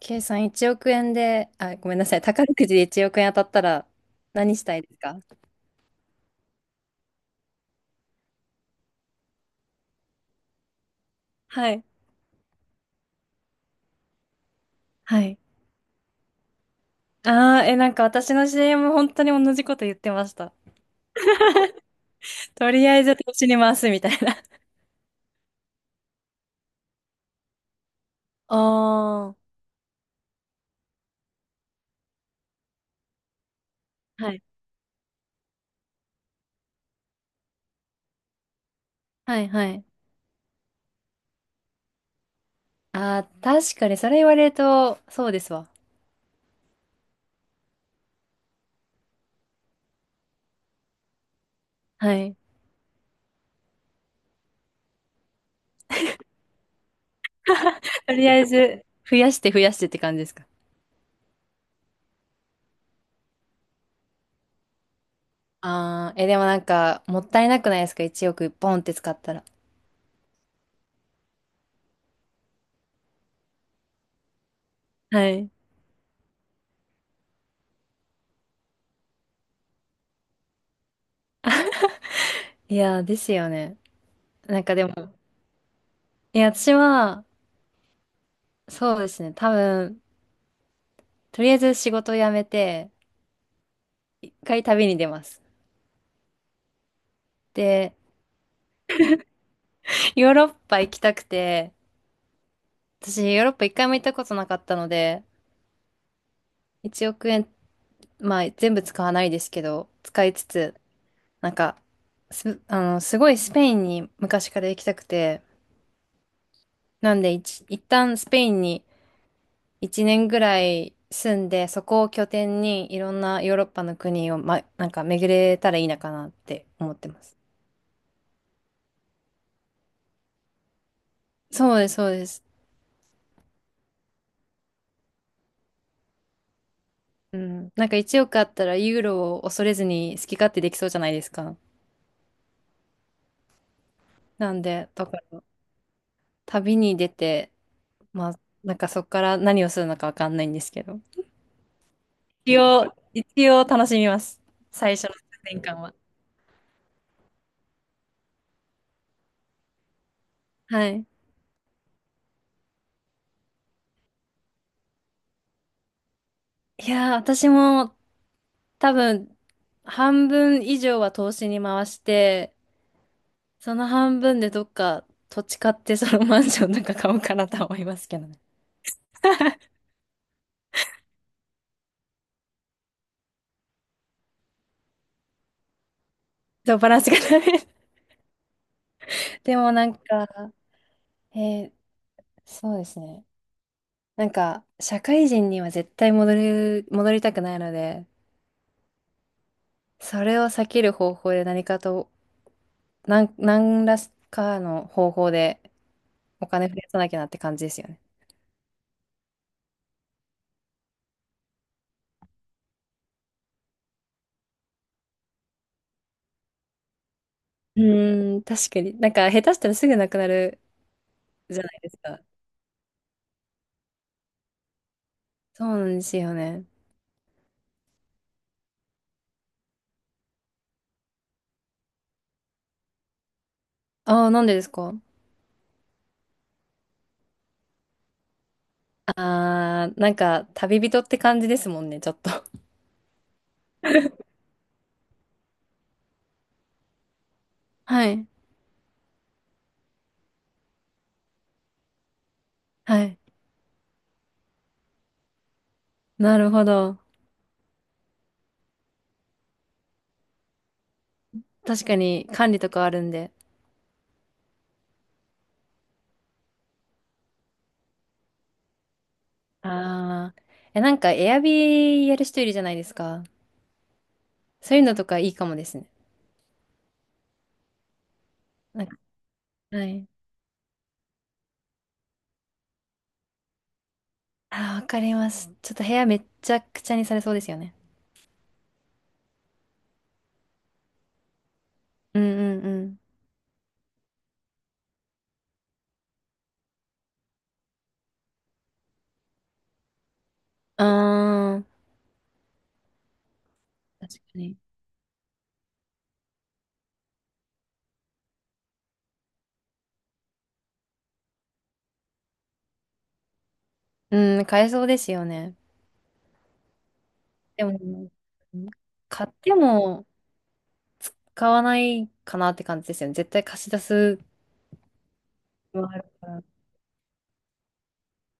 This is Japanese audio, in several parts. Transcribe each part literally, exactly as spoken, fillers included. K さんいちおく円で、あ、ごめんなさい、宝くじでいちおく円当たったら何したいですか？はい。はい。ああ、え、なんか私の c も本当に同じこと言ってました。とりあえず投資に回すみたいな。ああ、はい。はい、はい。ああ、確かにそれ言われると、そうですわ。はい。とりあえず、増やして増やしてって感じですか？ああー、え、でもなんか、もったいなくないですか？ いち 億ポンって使ったら。はい。いやー、ですよね。なんかでも、いや、私は、そうですね。多分、とりあえず仕事を辞めて、一回旅に出ます。で、ヨーロッパ行きたくて、私ヨーロッパ一回も行ったことなかったので、いちおく円、まあ全部使わないですけど、使いつつ、なんか、す、あの、すごいスペインに昔から行きたくて、なんで一、一旦スペインにいちねんぐらい住んで、そこを拠点にいろんなヨーロッパの国を、ま、なんか巡れたらいいなかなって思ってます。そうです、そうです。うん、なんかいちおくあったらユーロを恐れずに好き勝手できそうじゃないですか。なんで、だから旅に出て、まあ、なんかそこから何をするのかわかんないんですけど。一応、一応楽しみます。最初の数年間は。はい。いやー、私も多分半分以上は投資に回して、その半分でどっか土地買ってそのマンションなんか買おうかなとは思いますけどね。そう、バランスがダメ。でもなんか、えーそうですね。なんか、社会人には絶対戻る、戻りたくないので、それを避ける方法で何かと、なん、何らかの方法でお金増やさなきゃなって感じですよね。うーん、確かに。なんか、下手したらすぐなくなるじゃないですか。そうなんですよね。ああ、なんでですか？ああー、なんか、旅人って感じですもんね、ちょっと。はい。はい。なるほど。確かに、管理とかあるんで。ああ。え、なんか、エアビーやる人いるじゃないですか。そういうのとかいいかもですね。なんか、はい。あー、わかります。ちょっと部屋めっちゃくちゃにされそうですよね。うんうんうん。ああ、確かに。うん、買えそうですよね。でも、買っても買わないかなって感じですよね。絶対貸し出すのあるから。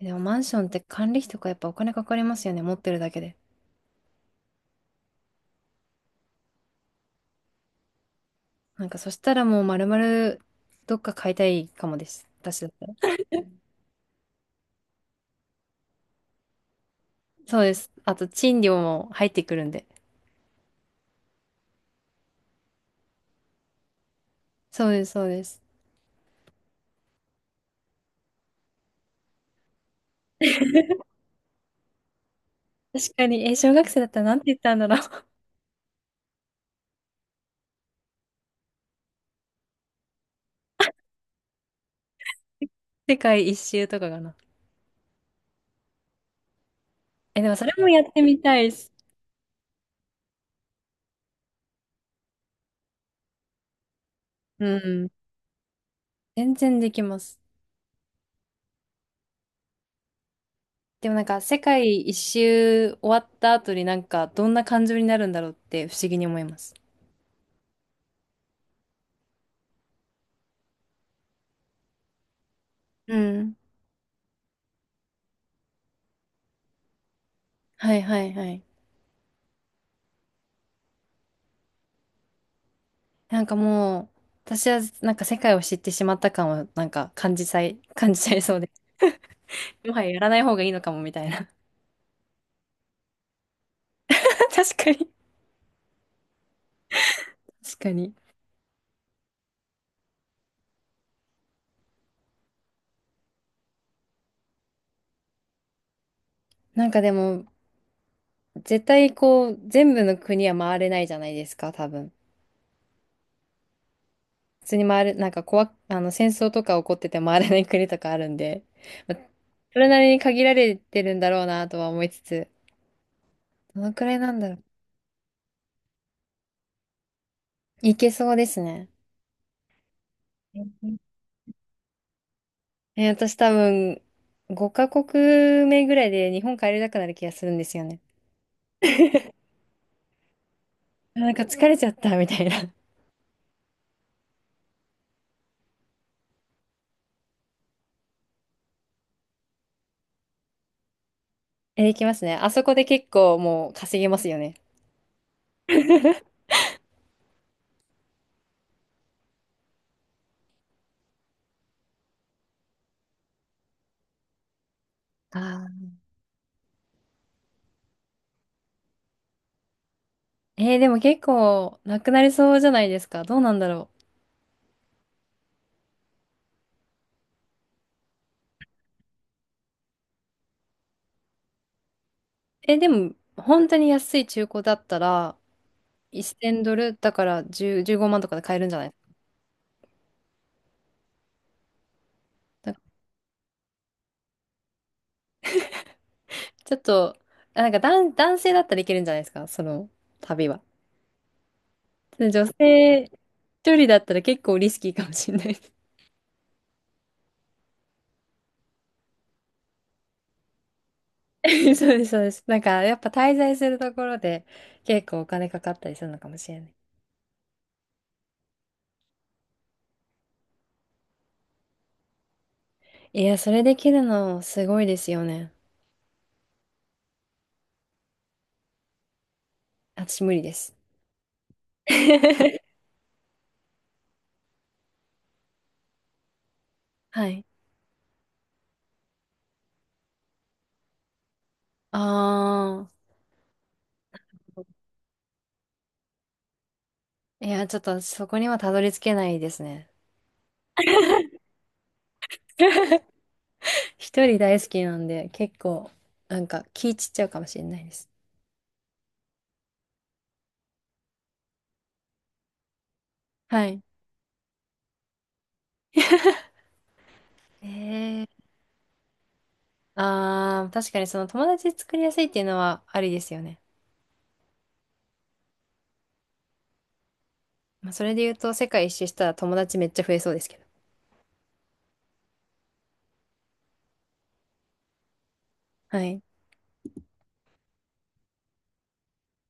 でもマンションって管理費とかやっぱお金かかりますよね。持ってるだけで。なんかそしたらもう丸々どっか買いたいかもです。私だったら。そうです。あと賃料も入ってくるんで。そうです、そうです。確かに、え、小学生だったらなんて言ったんだろう。世界一周とかかな。え、でもそれもやってみたいです。うん。全然できます。でもなんか、世界一周終わった後になんか、どんな感情になるんだろうって不思議に思います。うん。はいはいはい。なんかもう、私はなんか世界を知ってしまった感をなんか感じさい、感じちゃいそうで。もはややらない方がいいのかもみたいな。確かに。確かに。なんかでも、絶対こう、全部の国は回れないじゃないですか、多分。普通に回る、なんか怖、あの、戦争とか起こってて回らない国とかあるんで、まあそれなりに限られてるんだろうなとは思いつつ、どのくらいなんだろう。いけそうですね。えー私多分、ごカ国目ぐらいで日本帰りたくなる気がするんですよね。なんか疲れちゃったみたいな。えいきますね。あそこで結構もう稼げますよね。あーえー、でも結構なくなりそうじゃないですか。どうなんだろう。えー、でも本当に安い中古だったら、せんドルだからじゅうごまんとかで買えるんじゃない？なんかちょっと、あなんか男、男性だったらいけるんじゃないですか、その旅は。で女性一人だったら結構リスキーかもしれないです。そうです、そうです。なんかやっぱ滞在するところで結構お金かかったりするのかもしれない。いや、それできるのすごいですよね。私無理です。はい。ああ。いや、ちょっとそこにはたどり着けないですね。一人大好きなんで、結構、なんか気散っちゃうかもしれないです。はい。えー、あー、確かにその友達作りやすいっていうのはありですよね。まあ、それで言うと、世界一周したら友達めっちゃ増えそうですけど。はい。